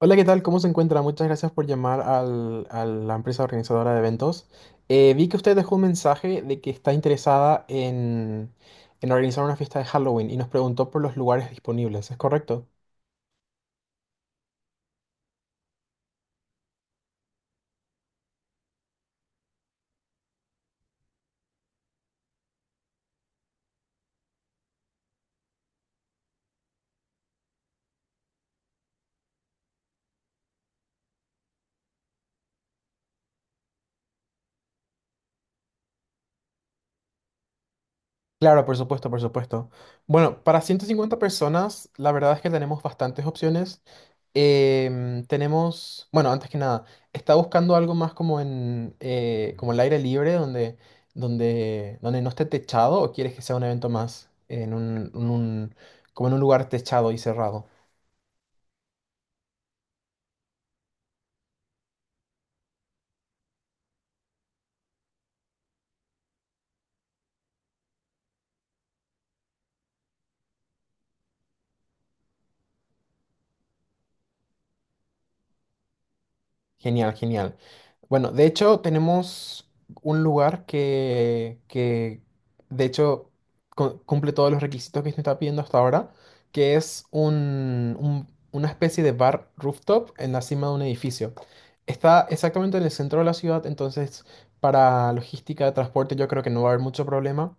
Hola, ¿qué tal? ¿Cómo se encuentra? Muchas gracias por llamar a la empresa organizadora de eventos. Vi que usted dejó un mensaje de que está interesada en organizar una fiesta de Halloween y nos preguntó por los lugares disponibles, ¿es correcto? Claro, por supuesto, por supuesto. Bueno, para 150 personas, la verdad es que tenemos bastantes opciones. Tenemos, bueno, antes que nada, está buscando algo más como en como el aire libre, donde no esté techado, ¿o quieres que sea un evento más en como en un lugar techado y cerrado? Genial, genial. Bueno, de hecho tenemos un lugar que de hecho cumple todos los requisitos que se está pidiendo hasta ahora, que es una especie de bar rooftop en la cima de un edificio. Está exactamente en el centro de la ciudad, entonces para logística de transporte yo creo que no va a haber mucho problema.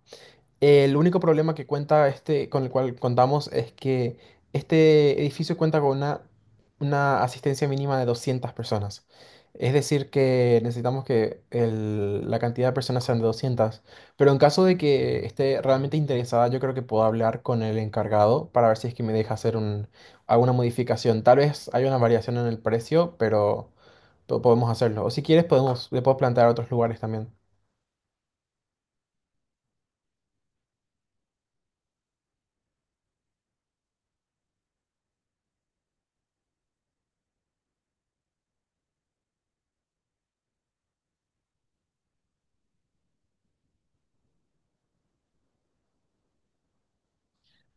El único problema que cuenta este, con el cual contamos es que este edificio cuenta con una asistencia mínima de 200 personas. Es decir, que necesitamos que la cantidad de personas sean de 200. Pero en caso de que esté realmente interesada, yo creo que puedo hablar con el encargado para ver si es que me deja alguna modificación. Tal vez hay una variación en el precio, pero podemos hacerlo. O si quieres, podemos, le puedo plantear otros lugares también.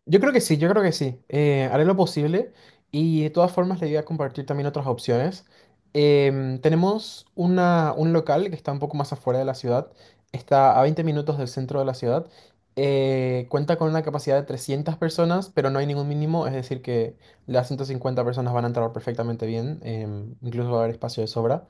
Yo creo que sí, yo creo que sí. Haré lo posible y de todas formas le voy a compartir también otras opciones. Tenemos un local que está un poco más afuera de la ciudad, está a 20 minutos del centro de la ciudad. Cuenta con una capacidad de 300 personas, pero no hay ningún mínimo, es decir, que las 150 personas van a entrar perfectamente bien, em, incluso va a haber espacio de sobra.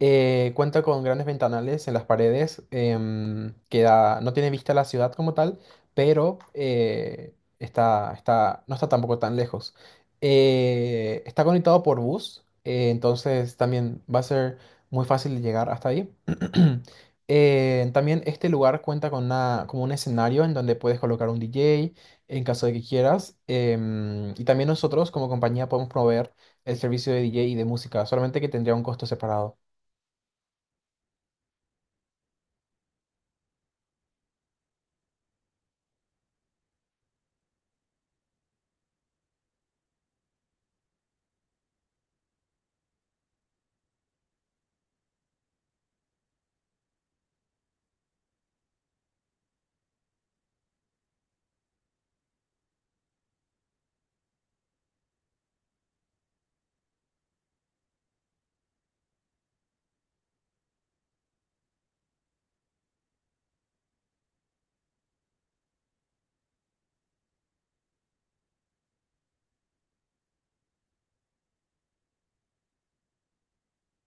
Cuenta con grandes ventanales en las paredes, em, no tiene vista a la ciudad como tal, pero está, no está tampoco tan lejos. Está conectado por bus, entonces también va a ser muy fácil de llegar hasta ahí. También este lugar cuenta con una, como un escenario en donde puedes colocar un DJ en caso de que quieras. Em, y también nosotros como compañía podemos proveer el servicio de DJ y de música, solamente que tendría un costo separado.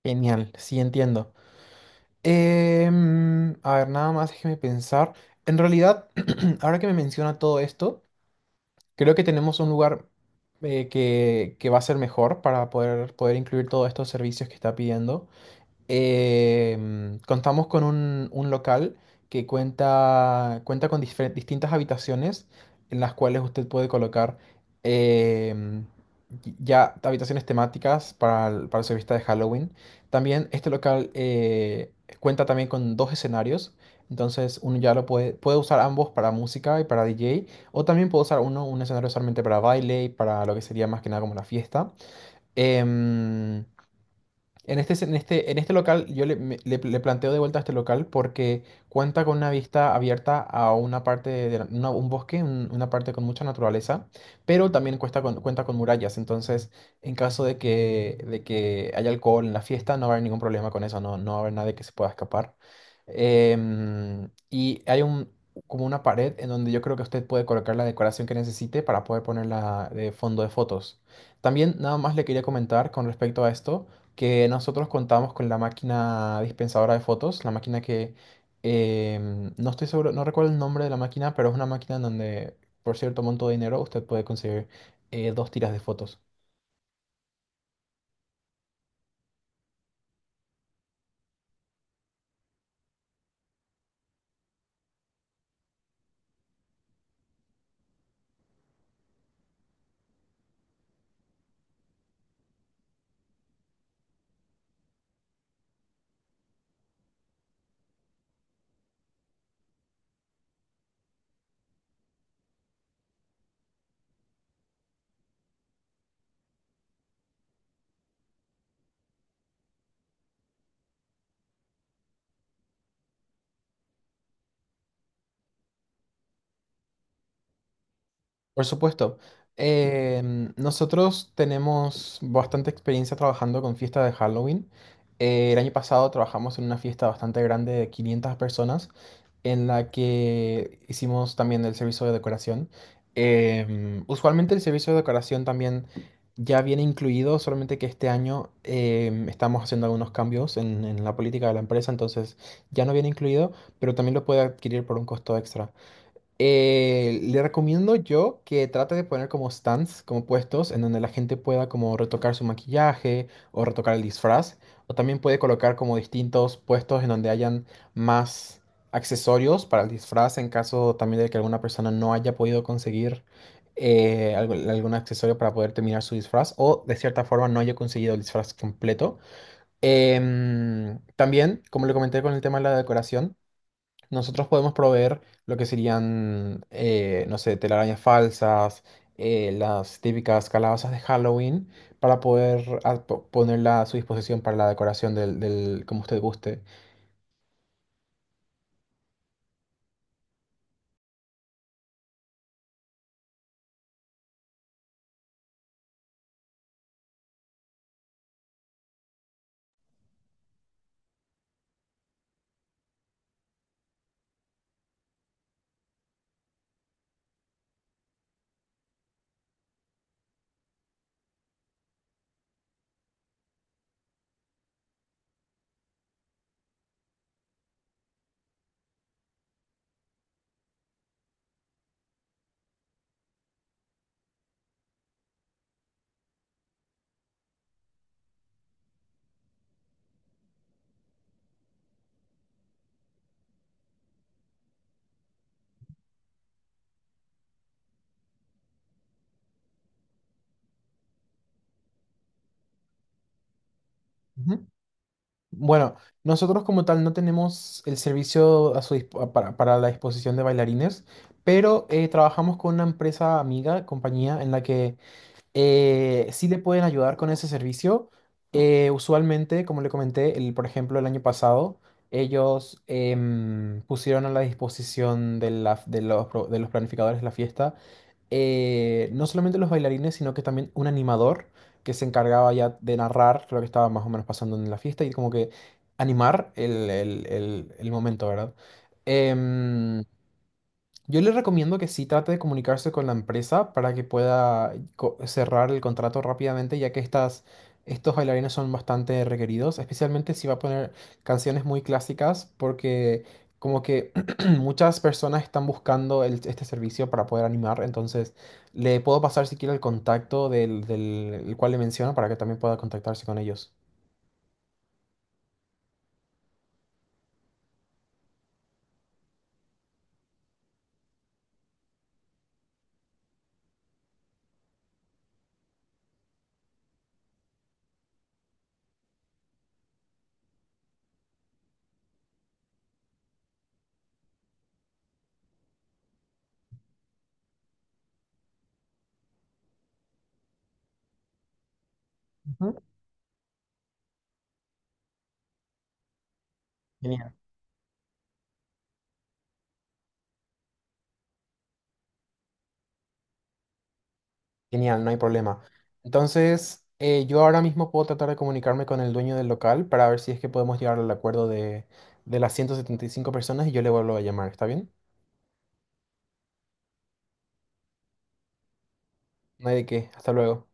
Genial, sí entiendo. Em, a ver, nada más déjeme pensar. En realidad, ahora que me menciona todo esto, creo que tenemos un lugar que va a ser mejor para poder incluir todos estos servicios que está pidiendo. Em, contamos con un local que cuenta con distintas habitaciones en las cuales usted puede colocar em, ya habitaciones temáticas para, para su fiesta de Halloween. También este local cuenta también con dos escenarios. Entonces uno ya lo puede usar ambos para música y para DJ. O también puede usar uno, un escenario solamente para baile y para lo que sería más que nada como la fiesta. Em, en este local, yo le, le planteo de vuelta a este local porque cuenta con una vista abierta a una parte de un bosque, una parte con mucha naturaleza, pero también cuenta con murallas. Entonces, en caso de de que haya alcohol en la fiesta, no va a haber ningún problema con eso, no, no va a haber nadie que se pueda escapar. Em, y hay un, como una pared en donde yo creo que usted puede colocar la decoración que necesite para poder ponerla de fondo de fotos. También nada más le quería comentar con respecto a esto que nosotros contamos con la máquina dispensadora de fotos, la máquina que em, no estoy seguro, no recuerdo el nombre de la máquina, pero es una máquina en donde por cierto monto de dinero usted puede conseguir dos tiras de fotos. Por supuesto. Em, nosotros tenemos bastante experiencia trabajando con fiestas de Halloween. El año pasado trabajamos en una fiesta bastante grande de 500 personas en la que hicimos también el servicio de decoración. Em, usualmente el servicio de decoración también ya viene incluido, solamente que este año em, estamos haciendo algunos cambios en la política de la empresa, entonces ya no viene incluido, pero también lo puede adquirir por un costo extra. Le recomiendo yo que trate de poner como stands, como puestos, en donde la gente pueda como retocar su maquillaje o retocar el disfraz. O también puede colocar como distintos puestos en donde hayan más accesorios para el disfraz en caso también de que alguna persona no haya podido conseguir algún accesorio para poder terminar su disfraz o de cierta forma no haya conseguido el disfraz completo. Em, también, como le comenté con el tema de la decoración. Nosotros podemos proveer lo que serían, no sé, telarañas falsas, las típicas calabazas de Halloween, para poder ponerla a su disposición para la decoración como usted guste. Ujú. Bueno, nosotros como tal no tenemos el servicio a su para la disposición de bailarines, pero trabajamos con una empresa amiga, compañía, en la que sí le pueden ayudar con ese servicio. Usualmente, como le comenté, por ejemplo, el año pasado, ellos em, pusieron a la disposición de, de los, de los planificadores de la fiesta, no solamente los bailarines, sino que también un animador que se encargaba ya de narrar lo que estaba más o menos pasando en la fiesta y como que animar el momento, ¿verdad? Em, yo le recomiendo que sí trate de comunicarse con la empresa para que pueda cerrar el contrato rápidamente, ya que estos bailarines son bastante requeridos, especialmente si va a poner canciones muy clásicas, porque como que muchas personas están buscando este servicio para poder animar, entonces le puedo pasar si quiere el contacto del el cual le menciono para que también pueda contactarse con ellos. Ujú. Genial. Genial, no hay problema. Entonces, yo ahora mismo puedo tratar de comunicarme con el dueño del local para ver si es que podemos llegar al acuerdo de las 175 personas y yo le vuelvo a llamar, ¿está bien? No hay de qué. Hasta luego.